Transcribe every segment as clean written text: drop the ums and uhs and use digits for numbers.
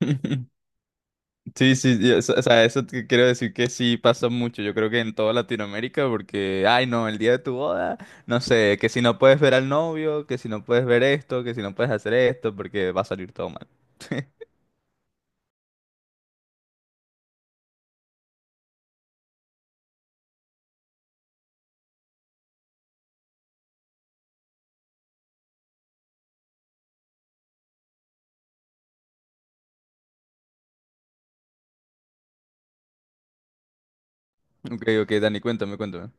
Sí, sí, sí, eso te quiero decir que sí pasa mucho. Yo creo que en toda Latinoamérica, porque, ay no, el día de tu boda, no sé, que si no puedes ver al novio, que si no puedes ver esto, que si no puedes hacer esto, porque va a salir todo mal. Ok, ok, Dani, cuéntame, cuéntame.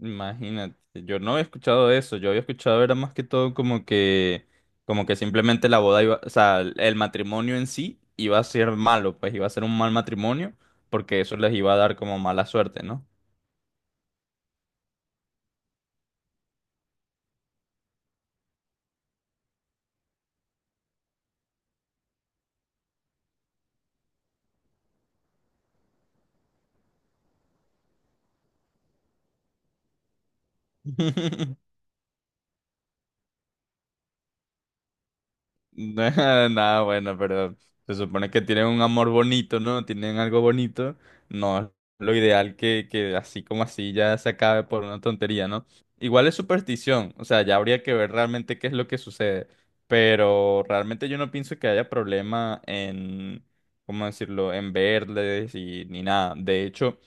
Imagínate, yo no había escuchado eso. Yo había escuchado era más que todo como que simplemente la boda iba, o sea, el matrimonio en sí iba a ser malo, pues iba a ser un mal matrimonio, porque eso les iba a dar como mala suerte, ¿no? Nada bueno, pero se supone que tienen un amor bonito, ¿no? Tienen algo bonito. No es lo ideal que así como así ya se acabe por una tontería, ¿no? Igual es superstición, o sea, ya habría que ver realmente qué es lo que sucede. Pero realmente yo no pienso que haya problema en, ¿cómo decirlo?, en verles y ni nada. De hecho,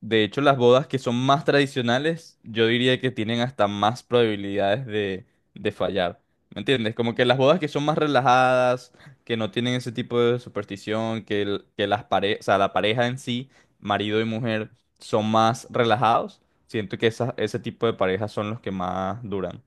de hecho, las bodas que son más tradicionales, yo diría que tienen hasta más probabilidades de fallar. ¿Me entiendes? Como que las bodas que son más relajadas, que no tienen ese tipo de superstición, que, el- que las pare- o sea, la pareja en sí, marido y mujer, son más relajados. Siento que ese tipo de parejas son los que más duran.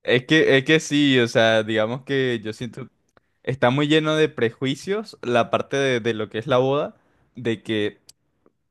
Es que sí, o sea, digamos que yo siento está muy lleno de prejuicios la parte de lo que es la boda, de que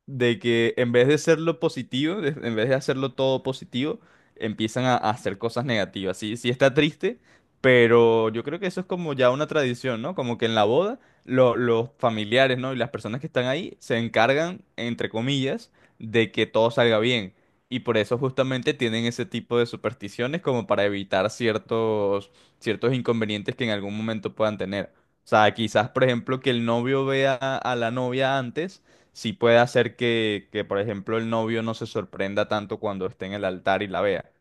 de que en vez de hacerlo positivo, en vez de hacerlo todo positivo, empiezan a hacer cosas negativas. Sí, sí está triste, pero yo creo que eso es como ya una tradición, ¿no? Como que en la boda los familiares, ¿no? Y las personas que están ahí se encargan, entre comillas, de que todo salga bien. Y por eso justamente tienen ese tipo de supersticiones como para evitar ciertos, ciertos inconvenientes que en algún momento puedan tener. O sea, quizás, por ejemplo, que el novio vea a la novia antes sí puede hacer que por ejemplo, el novio no se sorprenda tanto cuando esté en el altar y la vea,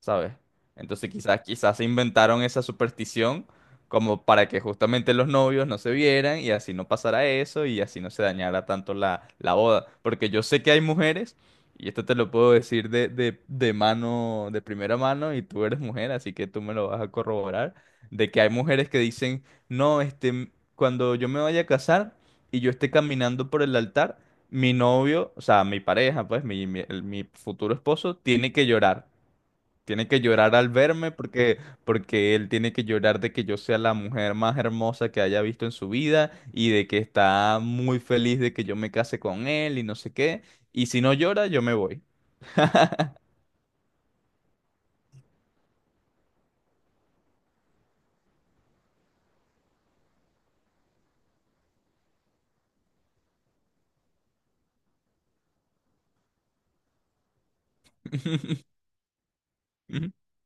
¿sabes? Entonces quizás, quizás se inventaron esa superstición como para que justamente los novios no se vieran y así no pasara eso y así no se dañara tanto la, la boda. Porque yo sé que hay mujeres, y esto te lo puedo decir de mano, de primera mano, y tú eres mujer, así que tú me lo vas a corroborar, de que hay mujeres que dicen, no, este, cuando yo me vaya a casar y yo esté caminando por el altar, mi novio, o sea, mi pareja, pues, mi futuro esposo, tiene que llorar. Tiene que llorar al verme porque, porque él tiene que llorar de que yo sea la mujer más hermosa que haya visto en su vida y de que está muy feliz de que yo me case con él y no sé qué. Y si no llora, yo me voy.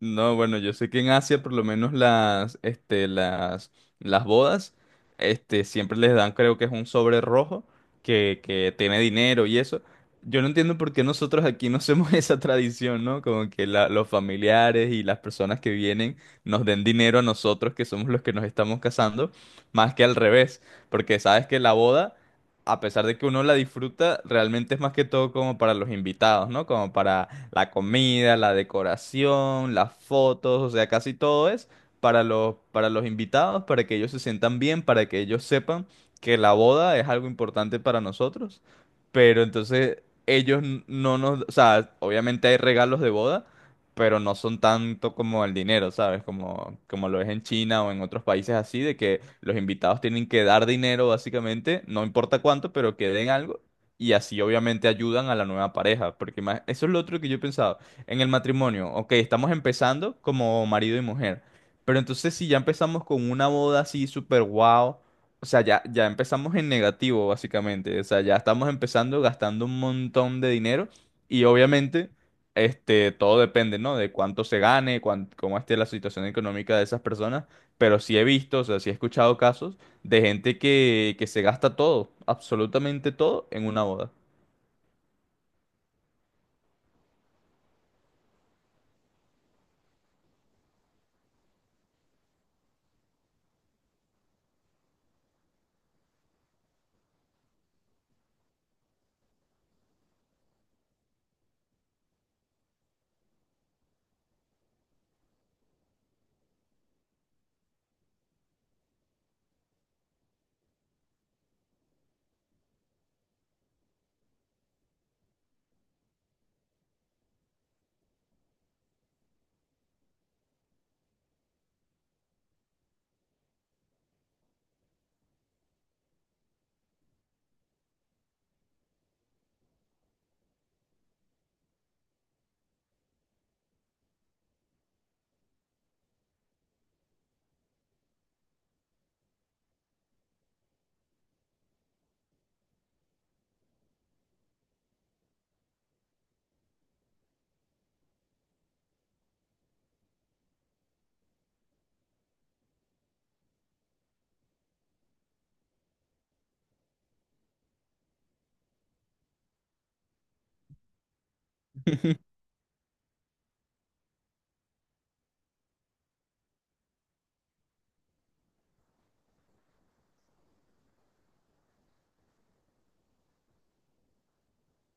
No, bueno, yo sé que en Asia por lo menos las, este, las bodas, este, siempre les dan, creo que es un sobre rojo que tiene dinero y eso. Yo no entiendo por qué nosotros aquí no hacemos esa tradición, ¿no? Como que los familiares y las personas que vienen nos den dinero a nosotros, que somos los que nos estamos casando, más que al revés. Porque sabes que la boda, a pesar de que uno la disfruta, realmente es más que todo como para los invitados, ¿no? Como para la comida, la decoración, las fotos, o sea, casi todo es para para los invitados, para que ellos se sientan bien, para que ellos sepan que la boda es algo importante para nosotros. Pero entonces ellos no nos, o sea, obviamente hay regalos de boda, pero no son tanto como el dinero, ¿sabes? Como, como lo es en China o en otros países así, de que los invitados tienen que dar dinero básicamente, no importa cuánto, pero que den algo. Y así obviamente ayudan a la nueva pareja, porque eso es lo otro que yo he pensado. En el matrimonio, ok, estamos empezando como marido y mujer, pero entonces si ya empezamos con una boda así súper guau, o sea, ya empezamos en negativo básicamente, o sea, ya estamos empezando gastando un montón de dinero y obviamente este, todo depende, ¿no? De cuánto se gane, cómo esté la situación económica de esas personas, pero sí he visto, o sea, sí he escuchado casos de gente que se gasta todo, absolutamente todo, en una boda.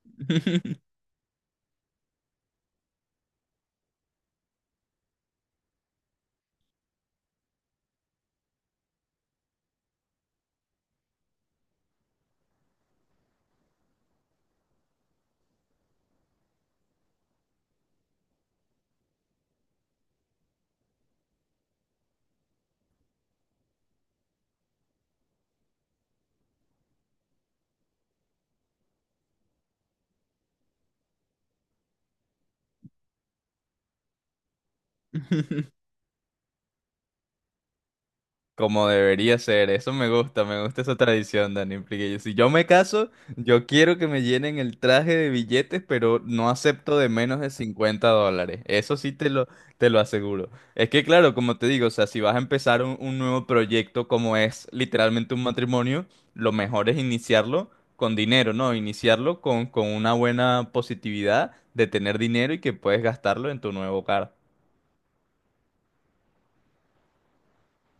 Como debería ser, eso me gusta esa tradición, Dani, porque si yo me caso, yo quiero que me llenen el traje de billetes, pero no acepto de menos de $50, eso sí te lo aseguro. Es que claro, como te digo, o sea, si vas a empezar un nuevo proyecto como es literalmente un matrimonio, lo mejor es iniciarlo con dinero, ¿no? Iniciarlo con una buena positividad de tener dinero y que puedes gastarlo en tu nuevo hogar.